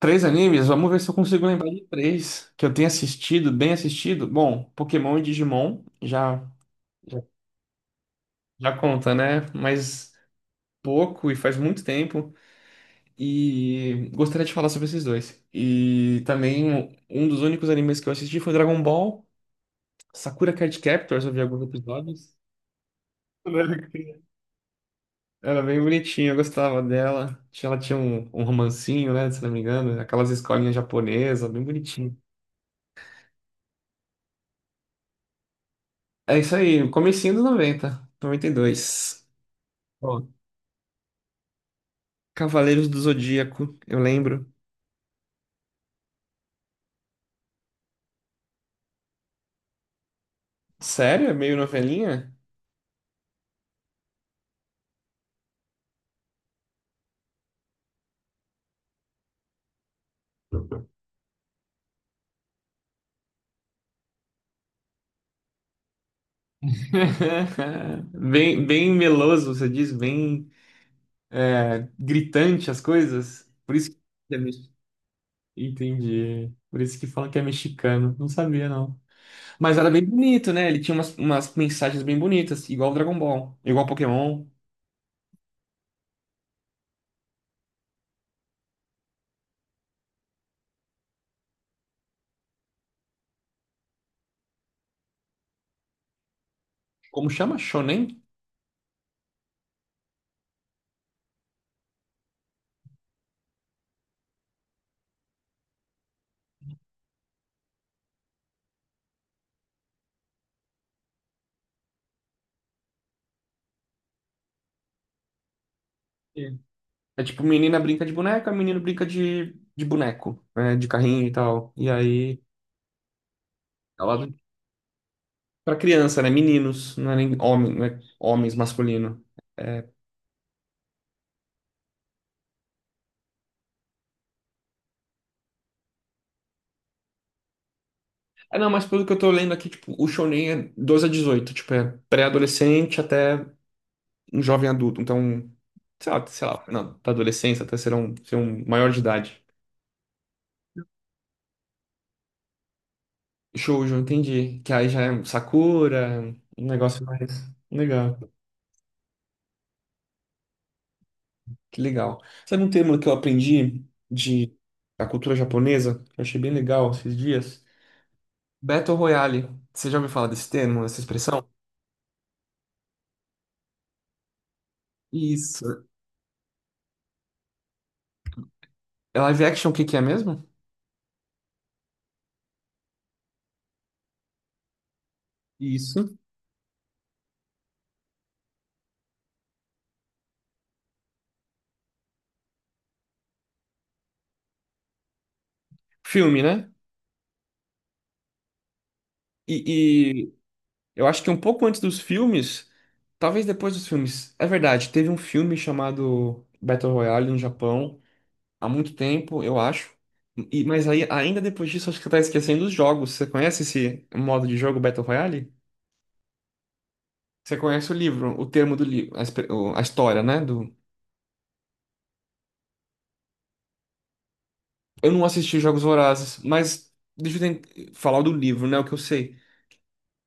Três animes? Vamos ver se eu consigo lembrar de três que eu tenho assistido, bem assistido. Bom, Pokémon e Digimon já, já conta, né? Mas pouco e faz muito tempo. E gostaria de falar sobre esses dois. E também um dos únicos animes que eu assisti foi Dragon Ball, Sakura Card Captors, eu vi alguns episódios. Quando eu era criança. Era bem bonitinha, eu gostava dela. Tinha- Ela tinha um romancinho, né? Se não me engano, aquelas escolinhas japonesas, bem bonitinho. É isso aí, comecinho dos 90, 92. Ó, Cavaleiros do Zodíaco, eu lembro. Sério? É meio novelinha? Bem, bem meloso, você diz, bem gritante as coisas. Por isso que é entendi. Por isso que falam que é mexicano. Não sabia, não. Mas era bem bonito, né? Ele tinha umas mensagens bem bonitas, igual o Dragon Ball, igual Pokémon. Como chama? Shonen? É tipo, menina brinca de boneca, menino brinca de boneco, né? De carrinho e tal. E aí, ela, pra criança, né? Meninos, não é nem homem, não é homens masculino. É, não, mas pelo que eu tô lendo aqui, tipo, o shounen é 12 a 18, tipo, é pré-adolescente até um jovem adulto. Então, não, da adolescência até ser um maior de idade. Shoujo, entendi. Que aí já é um Sakura, um negócio mais legal. Que legal. Sabe um termo que eu aprendi de da cultura japonesa, que eu achei bem legal esses dias? Battle Royale. Você já ouviu falar desse termo, dessa expressão? Isso. É live action, o que que é mesmo? Isso. Filme, né? E eu acho que um pouco antes dos filmes, talvez depois dos filmes. É verdade, teve um filme chamado Battle Royale no Japão há muito tempo, eu acho. E, mas aí, ainda depois disso, acho que você tá esquecendo os jogos. Você conhece esse modo de jogo Battle Royale? Você conhece o livro, o termo do livro, a, a história, né? Do... Eu não assisti Jogos Vorazes, mas deixa falar do livro, né? O que eu sei.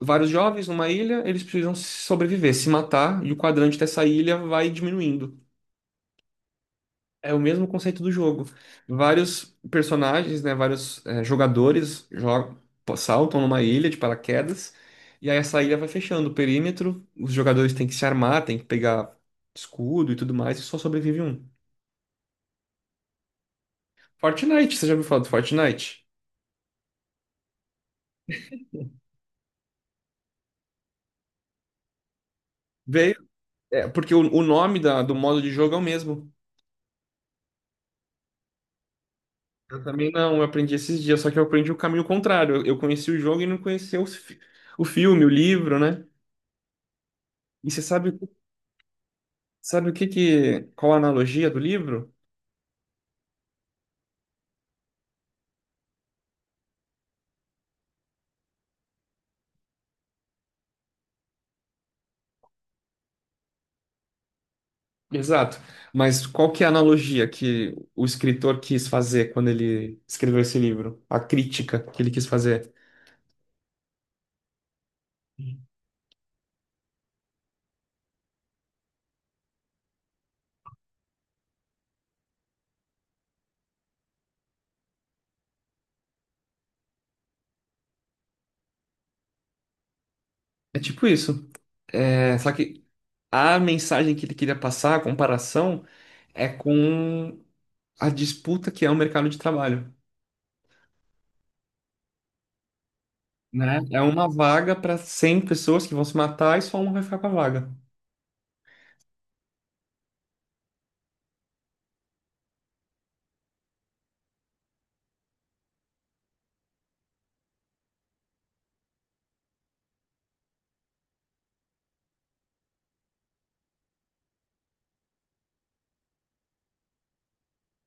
Vários jovens numa ilha, eles precisam sobreviver, se matar, e o quadrante dessa ilha vai diminuindo. É o mesmo conceito do jogo. Vários personagens, né? Vários jogadores jogam, saltam numa ilha de paraquedas, e aí essa ilha vai fechando o perímetro, os jogadores têm que se armar, têm que pegar escudo e tudo mais, e só sobrevive um. Fortnite, você já ouviu falar do Fortnite? Veio, é, porque o do modo de jogo é o mesmo. Eu também não, eu aprendi esses dias, só que eu aprendi o caminho contrário. Eu conheci o jogo e não conhecia o filme, o livro, né? E você sabe, sabe o que que, qual a analogia do livro? Exato. Mas qual que é a analogia que o escritor quis fazer quando ele escreveu esse livro? A crítica que ele quis fazer. É tipo isso. É, só que a mensagem que ele queria passar, a comparação, é com a disputa que é o mercado de trabalho, né? É Uhum. uma vaga para 100 pessoas que vão se matar e só um vai ficar com a vaga.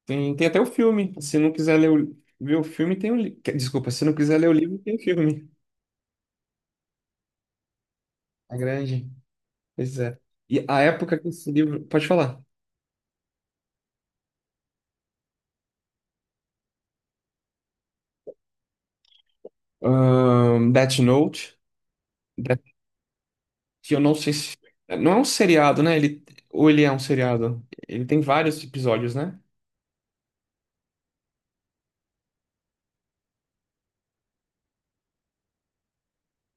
Tem, tem até o filme. Se não quiser ver o filme, tem o livro. Desculpa, se não quiser ler o livro, tem o filme. A grande. Pois é. E a época que esse livro. Pode falar. Death Note, Death- que eu não sei se. Não é um seriado, né? Ele, ou ele é um seriado? Ele tem vários episódios, né?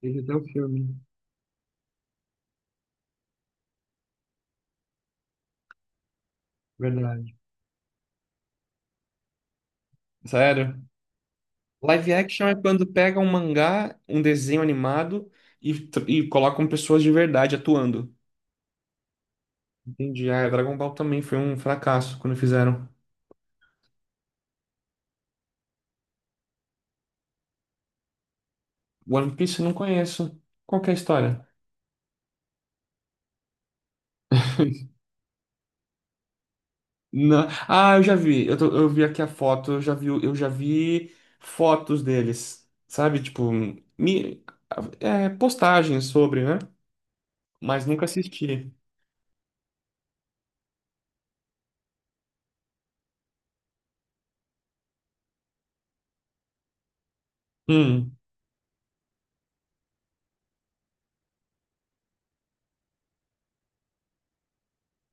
Teve até o filme, verdade. Sério? Live action é quando pega um mangá, um desenho animado e, e colocam pessoas de verdade atuando. Entendi. Ah, Dragon Ball também foi um fracasso quando fizeram. One Piece eu não conheço. Qual que é a história? Não. Ah, eu já vi. Eu vi aqui a foto, eu já vi, eu já vi fotos deles. Sabe? Tipo, mi- é, postagens sobre, né? Mas nunca assisti. Hum,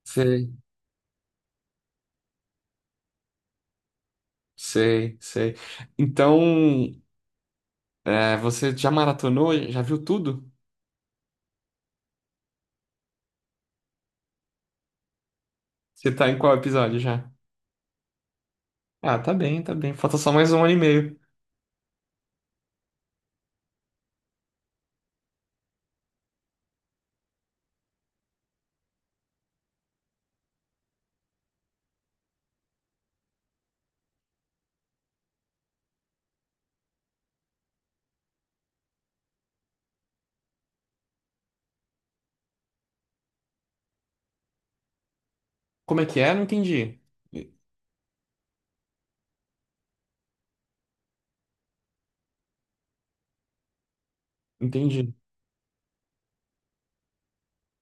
sei, sei. Então, é, você já maratonou? Já viu tudo? Você tá em qual episódio já? Ah, tá bem. Falta só mais um ano e meio. Como é que é? Não entendi. Entendi.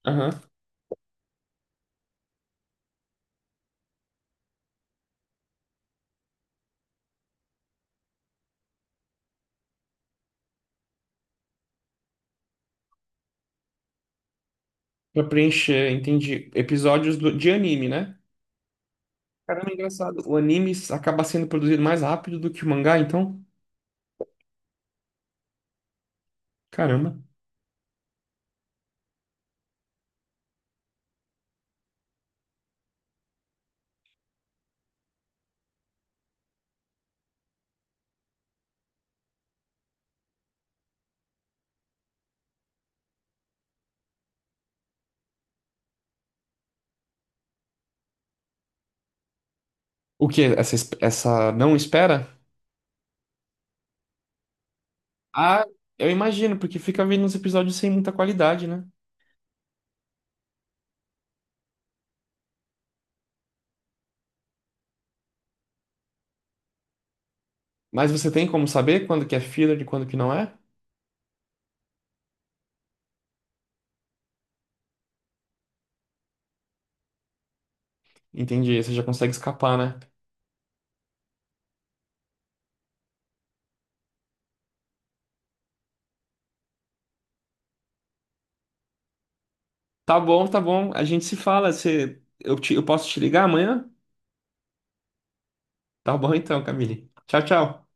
Aham. Pra preencher, entendi. Episódios de anime, né? Caramba, é engraçado. O anime acaba sendo produzido mais rápido do que o mangá, então? Caramba. O quê? Essa não espera? Ah, eu imagino, porque fica vendo uns episódios sem muita qualidade, né? Mas você tem como saber quando que é filler e quando que não é? Entendi, você já consegue escapar, né? Tá bom. A gente se fala. Eu posso te ligar amanhã? Tá bom então, Camille. Tchau, tchau.